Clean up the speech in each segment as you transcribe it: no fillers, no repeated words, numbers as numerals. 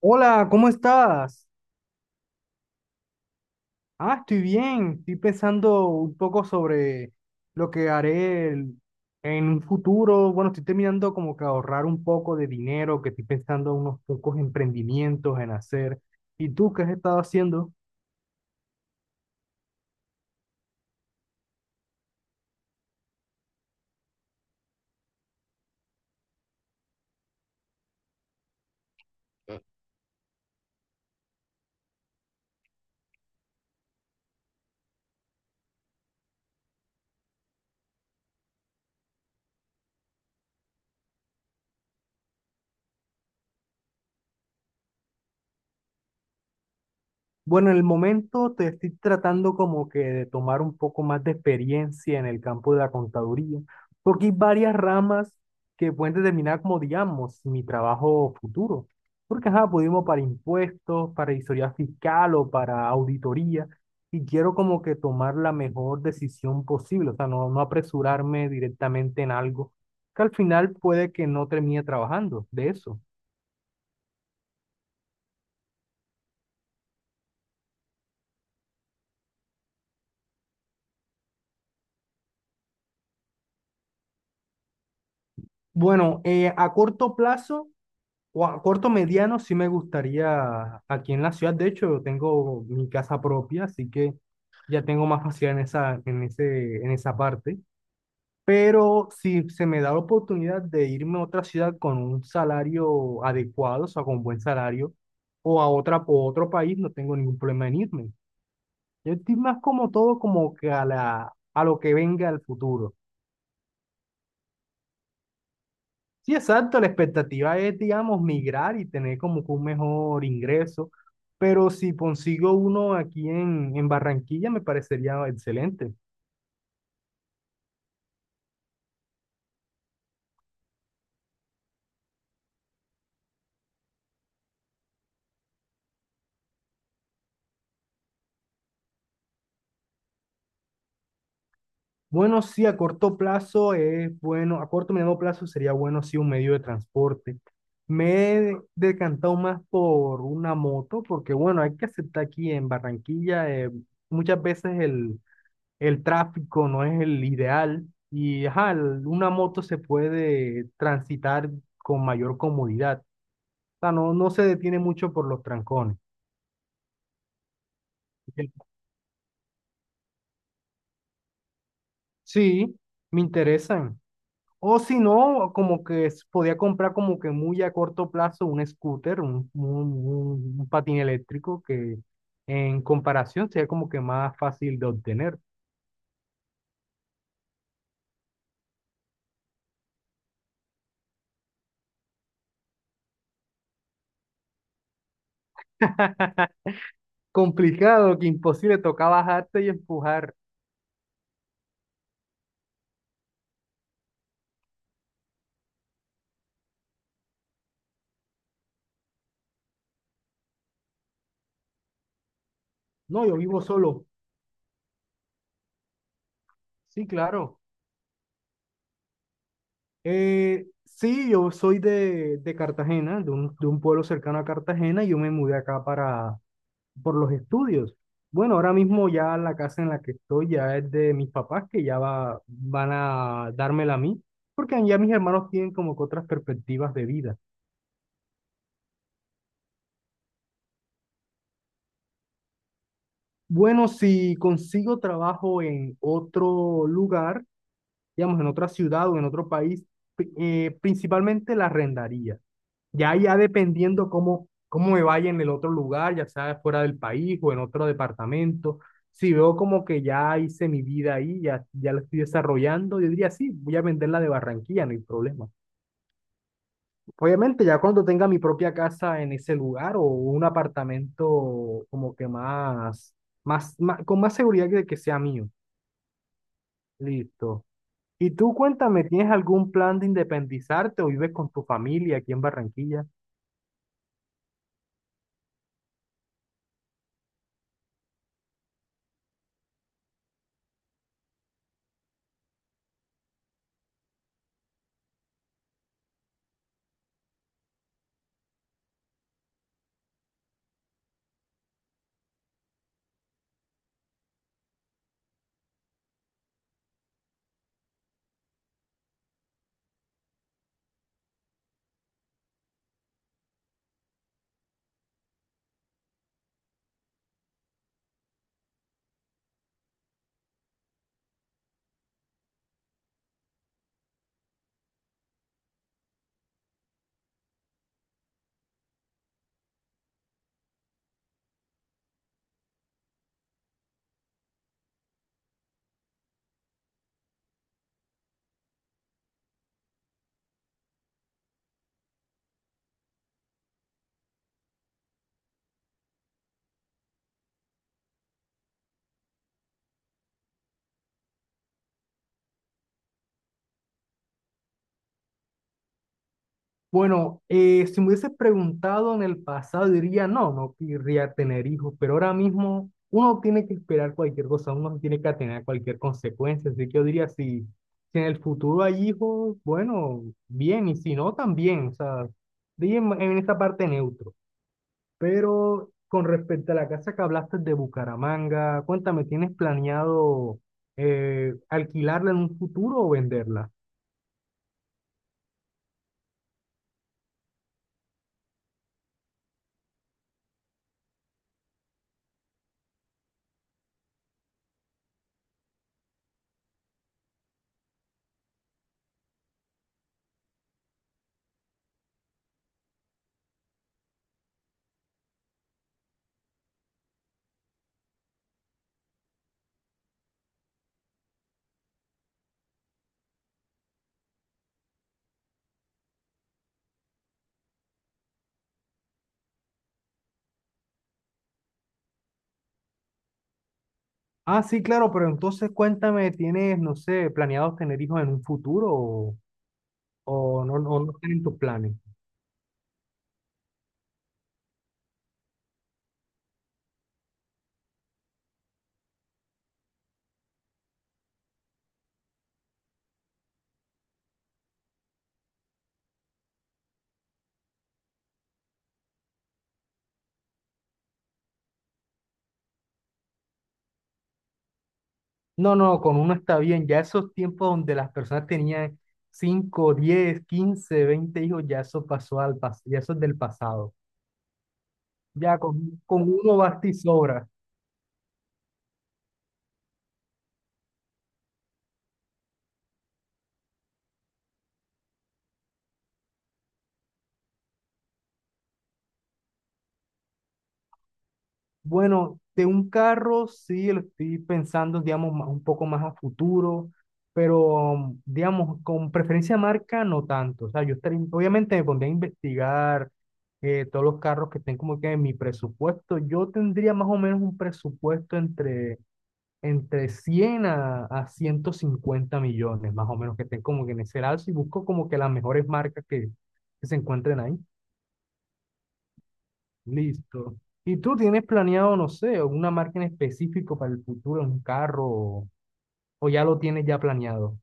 Hola, ¿cómo estás? Estoy bien. Estoy pensando un poco sobre lo que en un futuro. Bueno, estoy terminando como que ahorrar un poco de dinero, que estoy pensando unos pocos emprendimientos en hacer. ¿Y tú qué has estado haciendo? Bueno, en el momento te estoy tratando como que de tomar un poco más de experiencia en el campo de la contaduría, porque hay varias ramas que pueden determinar como, digamos, mi trabajo futuro. Porque, ajá, pudimos para impuestos, para historia fiscal o para auditoría, y quiero como que tomar la mejor decisión posible, o sea, no, no apresurarme directamente en algo que al final puede que no termine trabajando de eso. Bueno, a corto plazo. O a corto mediano sí me gustaría aquí en la ciudad. De hecho, tengo mi casa propia, así que ya tengo más facilidad en esa parte. Pero si se me da la oportunidad de irme a otra ciudad con un salario adecuado, o sea, con buen salario, o a otra, o otro país, no tengo ningún problema en irme. Yo estoy más como todo como que a a lo que venga al futuro. Sí, exacto, la expectativa es, digamos, migrar y tener como que un mejor ingreso, pero si consigo uno aquí en Barranquilla me parecería excelente. Bueno, sí, a corto plazo es bueno, a corto y mediano plazo sería bueno, sí, un medio de transporte. Me he decantado más por una moto, porque bueno, hay que aceptar aquí en Barranquilla, muchas veces el tráfico no es el ideal y ajá, una moto se puede transitar con mayor comodidad. O sea, no, no se detiene mucho por los trancones. Bien. Sí, me interesan. O si no, como que podía comprar como que muy a corto plazo un scooter, un patín eléctrico que en comparación sería como que más fácil de obtener. Complicado, que imposible, toca bajarte y empujar. No, yo vivo solo. Sí, claro. Sí, yo soy de Cartagena, de un pueblo cercano a Cartagena, y yo me mudé acá por los estudios. Bueno, ahora mismo ya la casa en la que estoy ya es de mis papás, que ya van a dármela a mí, porque ya mis hermanos tienen como que otras perspectivas de vida. Bueno, si consigo trabajo en otro lugar, digamos, en otra ciudad o en otro país, principalmente la arrendaría. Ya dependiendo cómo me vaya en el otro lugar, ya sea fuera del país o en otro departamento, si veo como que ya hice mi vida ahí, ya la estoy desarrollando, yo diría, sí, voy a venderla de Barranquilla, no hay problema. Obviamente, ya cuando tenga mi propia casa en ese lugar o un apartamento como que con más seguridad de que sea mío. Listo. Y tú cuéntame, ¿tienes algún plan de independizarte o vives con tu familia aquí en Barranquilla? Bueno, si me hubiese preguntado en el pasado, diría no, no querría tener hijos, pero ahora mismo uno tiene que esperar cualquier cosa, uno tiene que atener a cualquier consecuencia, así que yo diría si, si en el futuro hay hijos, bueno, bien, y si no, también, o sea, diría en esta parte neutro. Pero con respecto a la casa que hablaste de Bucaramanga, cuéntame, ¿tienes planeado alquilarla en un futuro o venderla? Ah, sí, claro, pero entonces cuéntame, ¿tienes, no sé, planeados tener hijos en un futuro o no, no, no tienen tus planes? No, no, con uno está bien. Ya esos tiempos donde las personas tenían 5, 10, 15, 20 hijos, ya eso pasó al pasado, ya eso es del pasado. Ya con uno basta y sobra. Bueno, de un carro sí lo estoy pensando, digamos, un poco más a futuro, pero mm, digamos, con preferencia marca no tanto. O sea, yo estaría, obviamente me pondría a investigar todos los carros que estén como que en mi presupuesto. Yo tendría más o menos un presupuesto entre 100 a 150 millones, más o menos, que estén como que en ese lado y busco como que las mejores marcas que se encuentren ahí. Listo. ¿Y tú tienes planeado, no sé, alguna marca en específico para el futuro, un carro, o ya lo tienes ya planeado?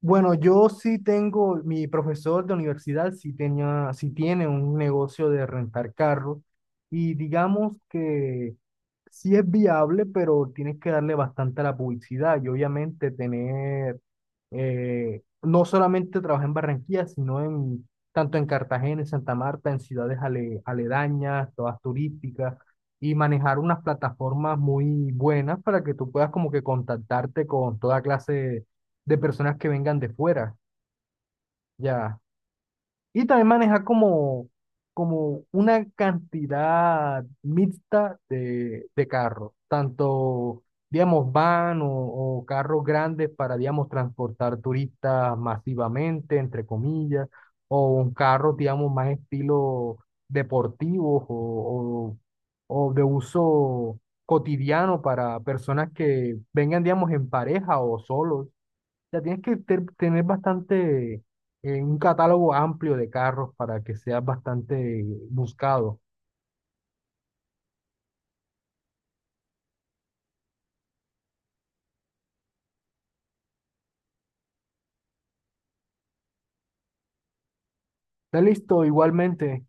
Bueno, yo sí tengo, mi profesor de universidad sí tenía, sí tiene un negocio de rentar carros y digamos que sí es viable, pero tienes que darle bastante a la publicidad y obviamente tener, no solamente trabajar en Barranquilla, sino en tanto en Cartagena, en Santa Marta, en ciudades aledañas, todas turísticas, y manejar unas plataformas muy buenas para que tú puedas como que contactarte con toda clase de personas que vengan de fuera, ya. Y también maneja como, como una cantidad mixta de carros, tanto, digamos, van o carros grandes para, digamos, transportar turistas masivamente, entre comillas, o un carro, digamos, más estilo deportivo o de uso cotidiano para personas que vengan, digamos, en pareja o solos. Ya tienes que tener bastante, un catálogo amplio de carros para que seas bastante buscado. Está listo, igualmente.